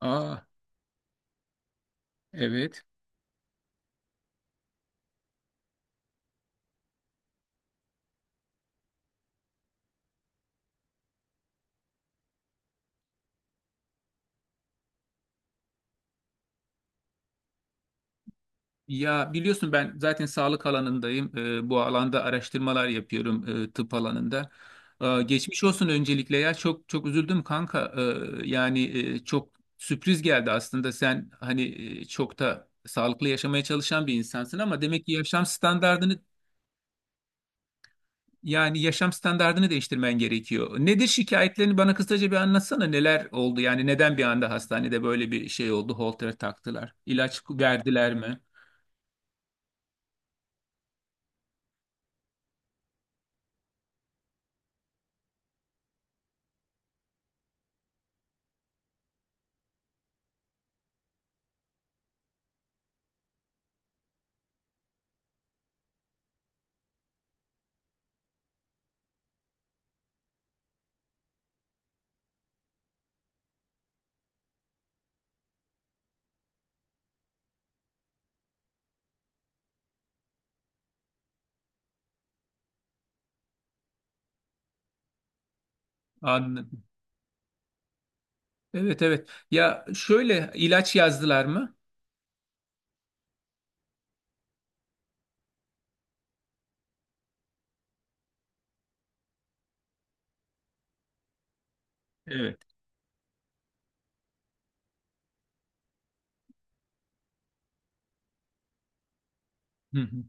Aa, evet. Ya biliyorsun ben zaten sağlık alanındayım. Bu alanda araştırmalar yapıyorum tıp alanında. Geçmiş olsun öncelikle ya çok çok üzüldüm kanka. Ee, yani çok Sürpriz geldi aslında. Sen hani çok da sağlıklı yaşamaya çalışan bir insansın ama demek ki yaşam standardını değiştirmen gerekiyor. Nedir şikayetlerini bana kısaca bir anlatsana. Neler oldu? Yani neden bir anda hastanede böyle bir şey oldu? Holter taktılar. İlaç verdiler mi? Anladım. Evet, evet. Ya şöyle ilaç yazdılar mı? Evet. Hı hı.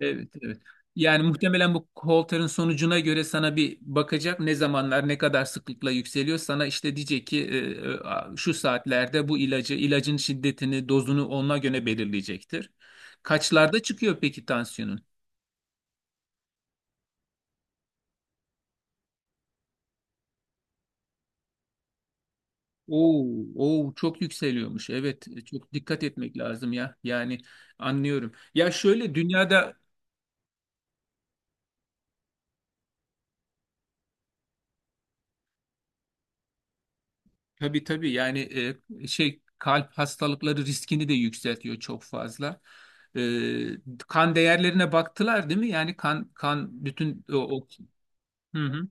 Evet, evet. Yani muhtemelen bu Holter'ın sonucuna göre sana bir bakacak, ne zamanlar ne kadar sıklıkla yükseliyor. Sana işte diyecek ki şu saatlerde bu ilacı, ilacın şiddetini, dozunu ona göre belirleyecektir. Kaçlarda çıkıyor peki tansiyonun? Oo, oo çok yükseliyormuş. Evet, çok dikkat etmek lazım ya. Yani anlıyorum. Ya şöyle dünyada... Tabii, tabii, yani şey, kalp hastalıkları riskini de yükseltiyor çok fazla. Kan değerlerine baktılar değil mi? Yani kan bütün Hı hı.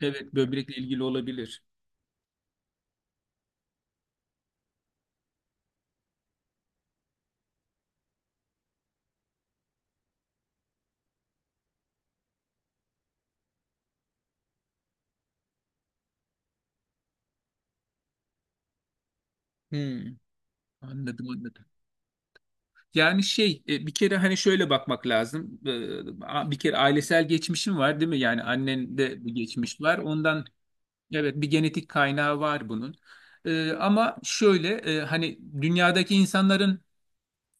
Evet, böbrekle ilgili olabilir. Hmm, anladım, anladım. Yani bir kere hani şöyle bakmak lazım. Bir kere ailesel geçmişim var değil mi? Yani annende bir geçmiş var. Ondan evet, bir genetik kaynağı var bunun. Ama şöyle hani dünyadaki insanların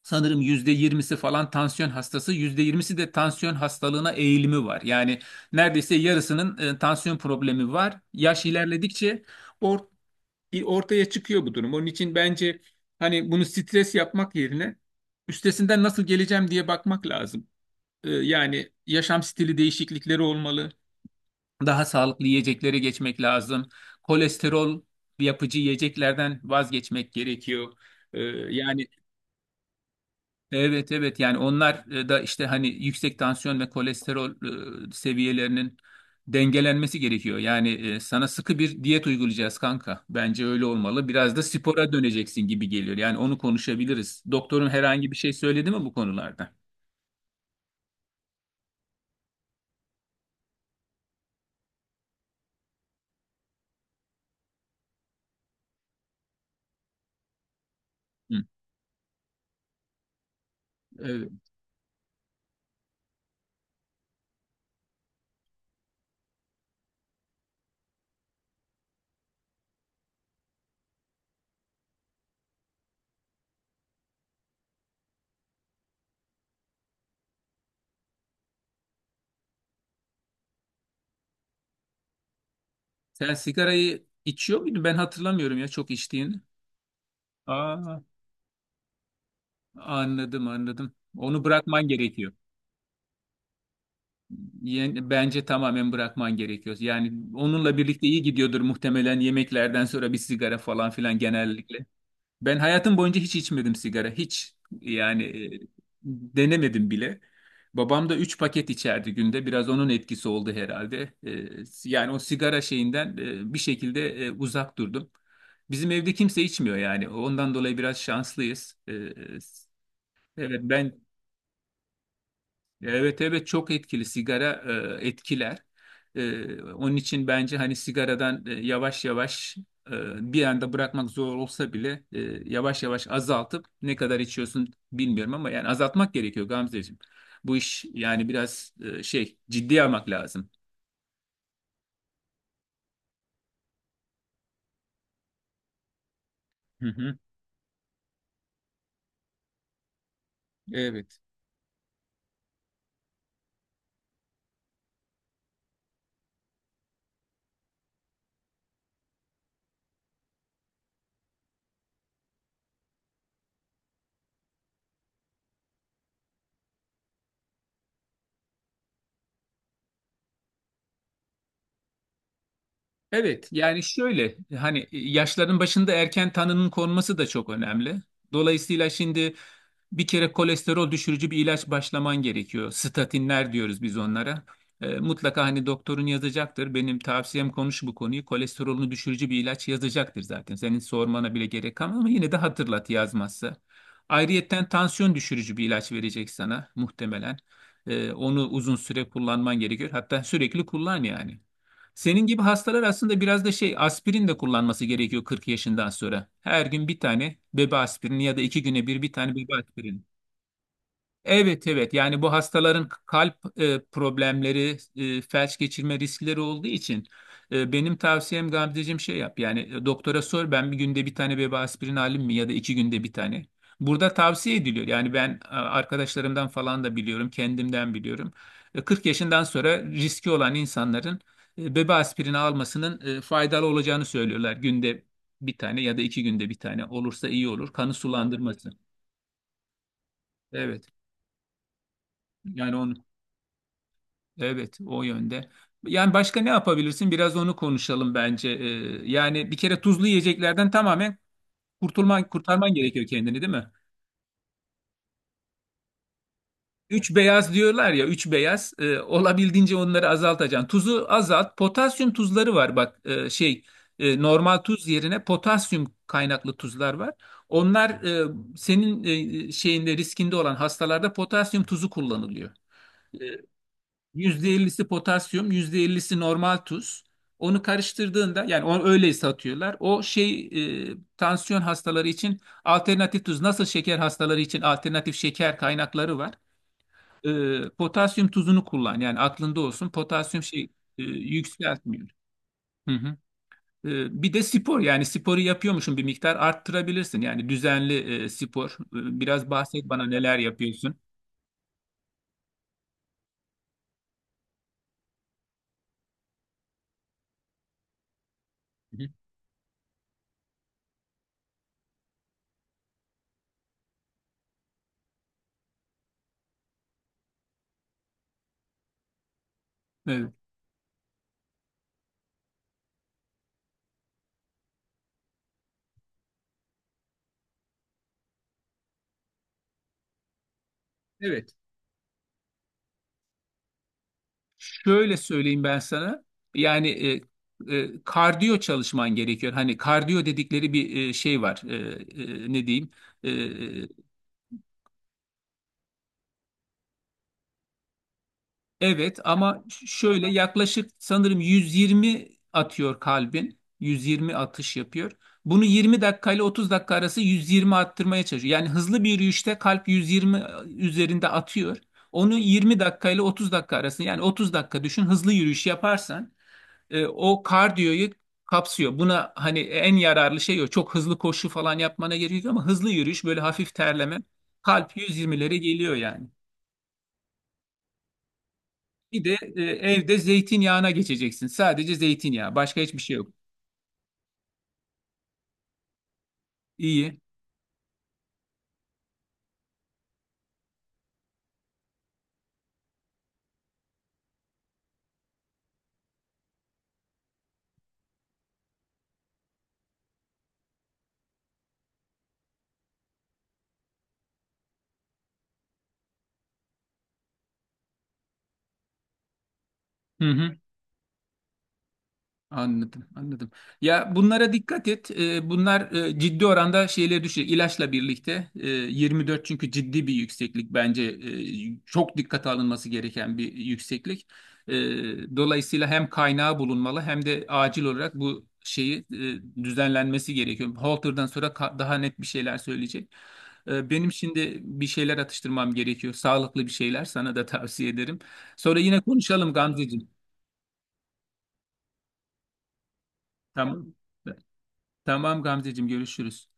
sanırım yüzde yirmisi falan tansiyon hastası, yüzde yirmisi de tansiyon hastalığına eğilimi var. Yani neredeyse yarısının tansiyon problemi var. Yaş ilerledikçe or- ortaya çıkıyor bu durum. Onun için bence hani bunu stres yapmak yerine üstesinden nasıl geleceğim diye bakmak lazım. Yani yaşam stili değişiklikleri olmalı. Daha sağlıklı yiyeceklere geçmek lazım. Kolesterol yapıcı yiyeceklerden vazgeçmek gerekiyor. E, yani Evet, evet, yani onlar da işte hani yüksek tansiyon ve kolesterol seviyelerinin dengelenmesi gerekiyor. Yani sana sıkı bir diyet uygulayacağız kanka. Bence öyle olmalı. Biraz da spora döneceksin gibi geliyor. Yani onu konuşabiliriz. Doktorun herhangi bir şey söyledi mi bu konularda? Hı. Evet. Sen sigarayı içiyor muydun? Ben hatırlamıyorum ya çok içtiğini. Aa, anladım, anladım. Onu bırakman gerekiyor. Yani bence tamamen bırakman gerekiyor. Yani onunla birlikte iyi gidiyordur muhtemelen, yemeklerden sonra bir sigara falan filan genellikle. Ben hayatım boyunca hiç içmedim sigara. Hiç, yani denemedim bile. Babam da 3 paket içerdi günde. Biraz onun etkisi oldu herhalde. Yani o sigara şeyinden bir şekilde uzak durdum. Bizim evde kimse içmiyor yani. Ondan dolayı biraz şanslıyız. Evet, ben Evet, evet, çok etkili sigara, etkiler. Onun için bence hani sigaradan yavaş yavaş, bir anda bırakmak zor olsa bile, yavaş yavaş azaltıp, ne kadar içiyorsun bilmiyorum ama yani azaltmak gerekiyor Gamzeciğim. Bu iş yani biraz ciddiye almak lazım. Hı hı. Evet. Evet, yani şöyle hani yaşların başında erken tanının konması da çok önemli. Dolayısıyla şimdi bir kere kolesterol düşürücü bir ilaç başlaman gerekiyor. Statinler diyoruz biz onlara. Mutlaka hani doktorun yazacaktır. Benim tavsiyem konuş bu konuyu. Kolesterolünü düşürücü bir ilaç yazacaktır zaten. Senin sormana bile gerek kalmaz ama yine de hatırlat yazmazsa. Ayrıyetten tansiyon düşürücü bir ilaç verecek sana muhtemelen. Onu uzun süre kullanman gerekiyor. Hatta sürekli kullan yani. Senin gibi hastalar aslında biraz da şey, aspirin de kullanması gerekiyor 40 yaşından sonra. Her gün bir tane bebe aspirini ya da iki güne bir bir tane bebe aspirini. Evet, evet, yani bu hastaların kalp problemleri, felç geçirme riskleri olduğu için benim tavsiyem Gamzeciğim, şey yap yani, doktora sor, ben bir günde bir tane bebe aspirin alayım mı ya da iki günde bir tane. Burada tavsiye ediliyor yani, ben arkadaşlarımdan falan da biliyorum, kendimden biliyorum. 40 yaşından sonra riski olan insanların bebe aspirini almasının faydalı olacağını söylüyorlar. Günde bir tane ya da iki günde bir tane olursa iyi olur kanı sulandırması. Evet yani onu. Evet, o yönde. Yani başka ne yapabilirsin? Biraz onu konuşalım bence. Yani bir kere tuzlu yiyeceklerden tamamen kurtarman gerekiyor kendini, değil mi? Üç beyaz diyorlar ya, üç beyaz. Olabildiğince onları azaltacaksın. Tuzu azalt. Potasyum tuzları var bak, normal tuz yerine potasyum kaynaklı tuzlar var. Onlar senin e, e, şeyinde riskinde olan hastalarda potasyum tuzu kullanılıyor. E, %50'si potasyum, %50'si normal tuz. Onu karıştırdığında, yani onu öyle satıyorlar. Tansiyon hastaları için alternatif tuz, nasıl şeker hastaları için alternatif şeker kaynakları var. Potasyum tuzunu kullan yani, aklında olsun. Potasyum yükseltmiyor. Hı hı. Bir de spor, yani sporu yapıyormuşsun, bir miktar arttırabilirsin. Yani düzenli spor. Biraz bahset bana neler yapıyorsun. Hı hı. Evet. Evet. Şöyle söyleyeyim ben sana. Yani kardiyo çalışman gerekiyor. Hani kardiyo dedikleri bir şey var. Ne diyeyim? E, e, evet, ama şöyle, yaklaşık sanırım 120 atıyor kalbin. 120 atış yapıyor. Bunu 20 dakika ile 30 dakika arası 120 arttırmaya çalışıyor. Yani hızlı bir yürüyüşte kalp 120 üzerinde atıyor. Onu 20 dakika ile 30 dakika arasında, yani 30 dakika düşün, hızlı yürüyüş yaparsan o kardiyoyu kapsıyor. Buna hani en yararlı şey o. Çok hızlı koşu falan yapmana gerek yok ama hızlı yürüyüş, böyle hafif terleme, kalp 120'lere geliyor yani. Bir de evde zeytinyağına geçeceksin. Sadece zeytinyağı, başka hiçbir şey yok. İyi. Hı hı. Anladım, anladım. Ya bunlara dikkat et. Bunlar ciddi oranda şeyleri düşecek. İlaçla birlikte 24, çünkü ciddi bir yükseklik, bence çok dikkate alınması gereken bir yükseklik. E, Dolayısıyla hem kaynağı bulunmalı hem de acil olarak bu şeyi düzenlenmesi gerekiyor. Halter'dan sonra daha net bir şeyler söyleyecek. Benim şimdi bir şeyler atıştırmam gerekiyor. Sağlıklı bir şeyler sana da tavsiye ederim. Sonra yine konuşalım Gamzeciğim. Tamam. Tamam Gamzeciğim, görüşürüz.